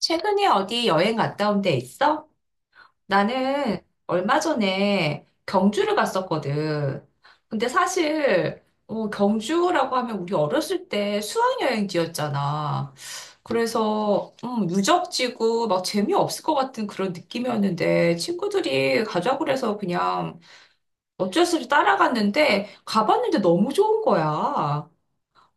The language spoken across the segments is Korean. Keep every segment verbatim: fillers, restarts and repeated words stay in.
최근에 어디 여행 갔다 온 데 있어? 나는 얼마 전에 경주를 갔었거든. 근데 사실 어, 경주라고 하면 우리 어렸을 때 수학여행지였잖아. 그래서 음, 유적지고 막 재미없을 것 같은 그런 느낌이었는데 친구들이 가자고 그래서 그냥 어쩔 수 없이 따라갔는데 가봤는데 너무 좋은 거야.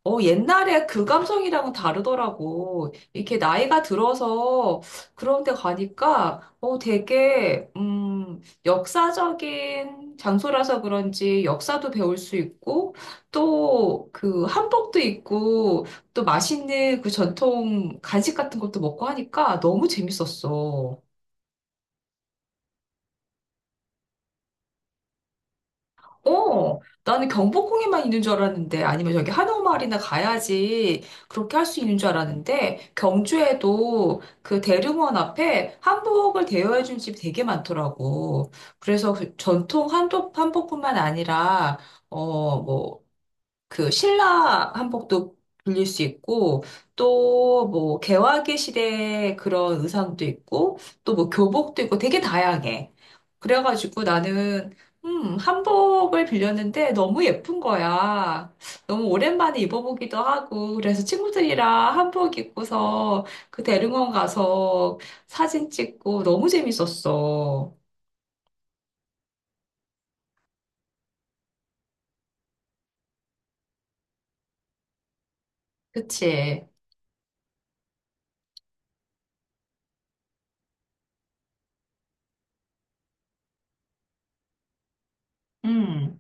어, 옛날에 그 감성이랑은 다르더라고. 이렇게 나이가 들어서 그런 데 가니까, 어, 되게, 음, 역사적인 장소라서 그런지 역사도 배울 수 있고, 또 그 한복도 있고, 또 맛있는 그 전통 간식 같은 것도 먹고 하니까 너무 재밌었어. 어, 나는 경복궁에만 있는 줄 알았는데, 아니면 저기 한옥마을이나 가야지 그렇게 할 수 있는 줄 알았는데, 경주에도 그 대릉원 앞에 한복을 대여해준 집이 되게 많더라고. 그래서 그 전통 한복, 한복뿐만 아니라, 어, 뭐, 그 신라 한복도 빌릴 수 있고 또 뭐 개화기 시대의 그런 의상도 있고 또 뭐 교복도 있고 되게 다양해. 그래가지고 나는 음, 한복을 빌렸는데 너무 예쁜 거야. 너무 오랜만에 입어보기도 하고 그래서 친구들이랑 한복 입고서 그 대릉원 가서 사진 찍고 너무 재밌었어. 그치? 음.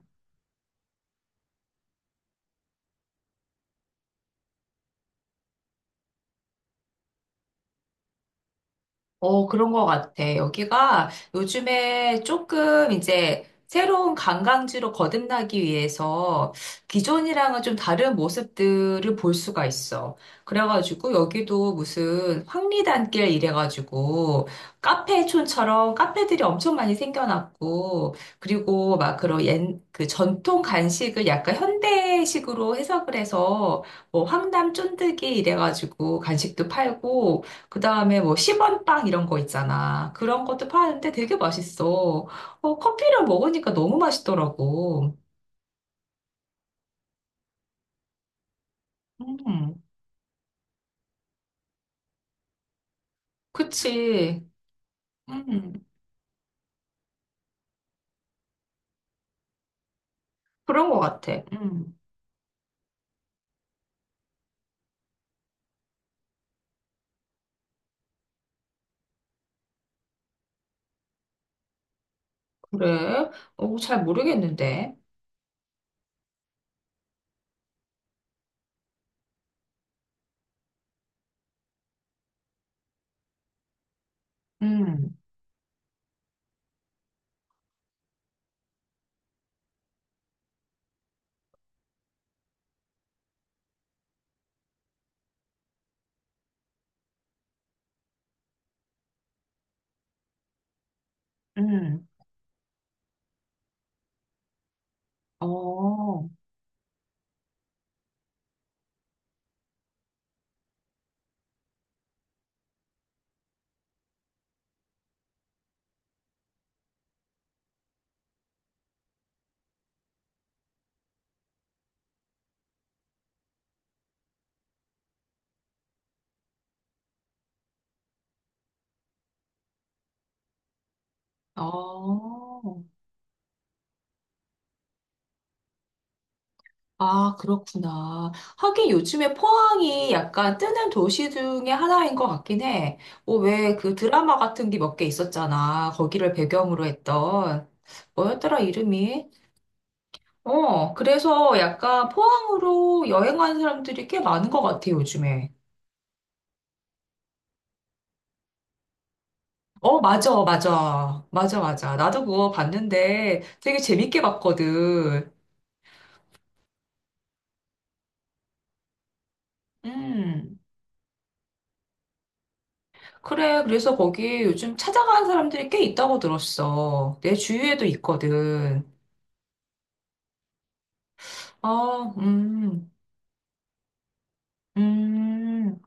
어, 그런 것 같아. 여기가 요즘에 조금 이제 새로운 관광지로 거듭나기 위해서 기존이랑은 좀 다른 모습들을 볼 수가 있어. 그래가지고 여기도 무슨 황리단길 이래가지고 카페촌처럼 카페들이 엄청 많이 생겨났고 그리고 막 그런 옛, 그 전통 간식을 약간 현대식으로 해석을 해서 뭐 황담 쫀득이 이래가지고 간식도 팔고 그 다음에 뭐 십 원 빵 이런 거 있잖아. 그런 것도 파는데 되게 맛있어. 어, 커피랑 먹으니까 너무 맛있더라고. 음, 그치. 음, 그런 것 같아. 음, 그래. 어, 잘 모르겠는데. 음, 음, 어, 어. 아, 그렇구나. 하긴 요즘에 포항이 약간 뜨는 도시 중에 하나인 것 같긴 해. 어, 왜 그 드라마 같은 게 몇 개 있었잖아. 거기를 배경으로 했던. 뭐였더라, 이름이? 어, 그래서 약간 포항으로 여행하는 사람들이 꽤 많은 것 같아, 요즘에. 어, 맞아, 맞아. 맞아, 맞아. 나도 그거 봤는데 되게 재밌게 봤거든. 음. 그래, 그래서 거기 요즘 찾아가는 사람들이 꽤 있다고 들었어. 내 주위에도 있거든. 어, 음, 음.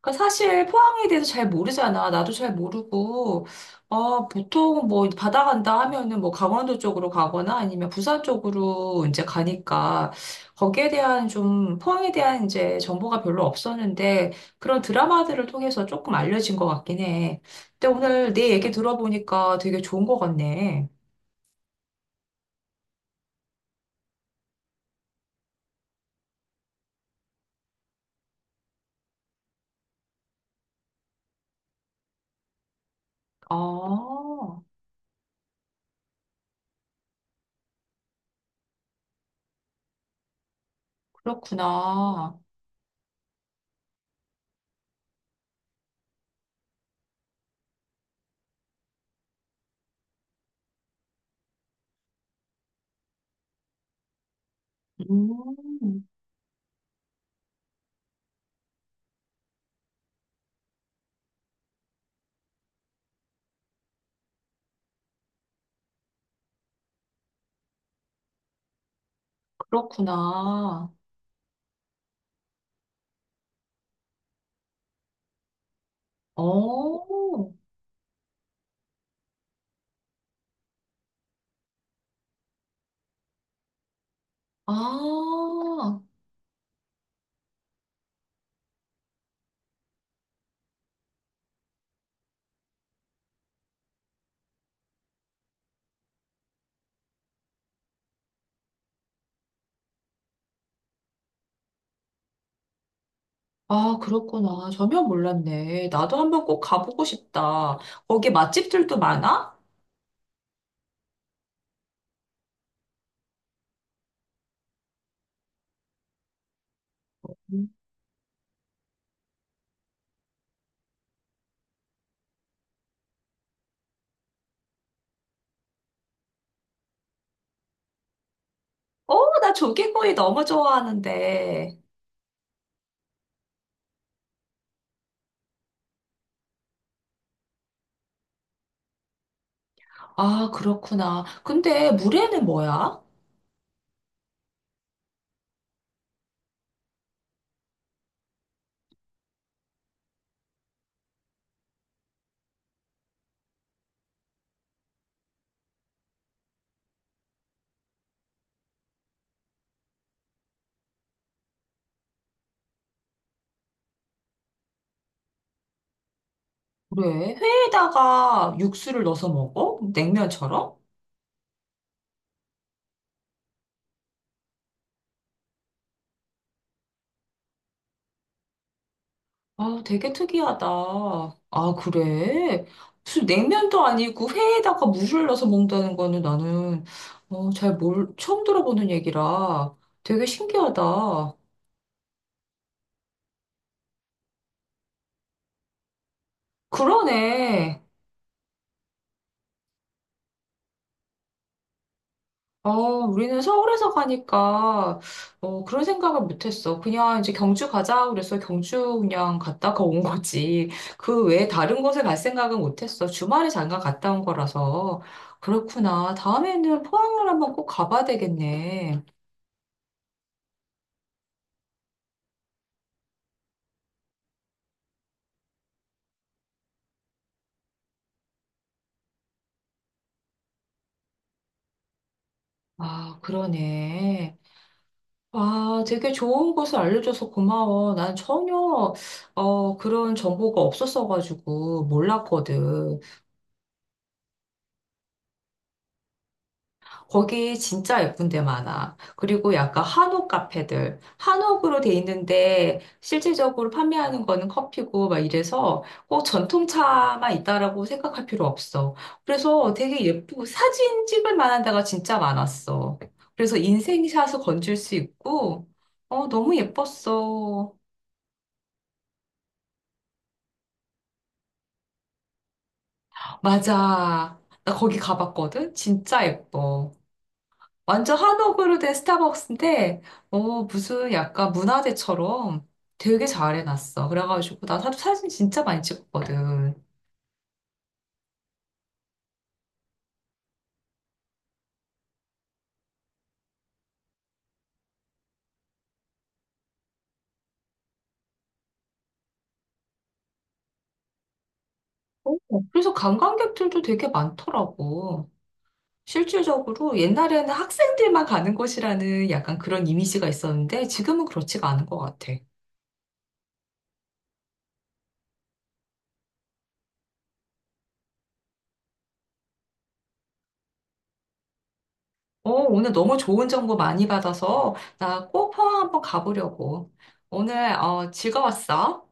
그러니까 사실 포항에 대해서 잘 모르잖아. 나도 잘 모르고, 어, 보통 뭐 바다 간다 하면은 뭐 강원도 쪽으로 가거나 아니면 부산 쪽으로 이제 가니까 거기에 대한 좀 포항에 대한 이제 정보가 별로 없었는데 그런 드라마들을 통해서 조금 알려진 것 같긴 해. 근데 오늘 네 얘기 들어보니까 되게 좋은 것 같네. 아, 그렇구나. 음, 그렇구나. 어, 아, 아, 그렇구나. 전혀 몰랐네. 나도 한번 꼭 가보고 싶다. 거기 맛집들도 많아? 음. 어, 나 조개구이 너무 좋아하는데. 아, 그렇구나. 근데 물회는 뭐야? 그래, 회에다가 육수를 넣어서 먹어? 냉면처럼? 아, 되게 특이하다. 아, 그래? 무슨 냉면도 아니고 회에다가 물을 넣어서 먹는다는 거는 나는 어, 잘 몰, 처음 들어보는 얘기라 되게 신기하다. 그러네. 어, 우리는 서울에서 가니까 어, 그런 생각을 못했어. 그냥 이제 경주 가자 그래서 경주 그냥 갔다가 온 거지. 그 외에 다른 곳에 갈 생각은 못했어. 주말에 잠깐 갔다 온 거라서. 그렇구나. 다음에는 포항을 한번 꼭 가봐야 되겠네. 아, 그러네. 아, 되게 좋은 것을 알려줘서 고마워. 난 전혀, 어, 그런 정보가 없었어가지고 몰랐거든. 거기 진짜 예쁜 데 많아. 그리고 약간 한옥 카페들. 한옥으로 돼 있는데 실질적으로 판매하는 거는 커피고 막 이래서 꼭 전통차만 있다라고 생각할 필요 없어. 그래서 되게 예쁘고 사진 찍을 만한 데가 진짜 많았어. 그래서 인생샷을 건질 수 있고, 어, 너무 예뻤어. 맞아. 나 거기 가봤거든? 진짜 예뻐. 완전 한옥으로 된 스타벅스인데, 어, 무슨 약간 문화재처럼 되게 잘 해놨어. 그래가지고, 나 사- 사진 진짜 많이 찍었거든. 어, 그래서 관광객들도 되게 많더라고. 실질적으로 옛날에는 학생들만 가는 곳이라는 약간 그런 이미지가 있었는데, 지금은 그렇지가 않은 것 같아. 어, 오늘 너무 좋은 정보 많이 받아서, 나 꼭 포항 한번 가보려고. 오늘, 어, 즐거웠어.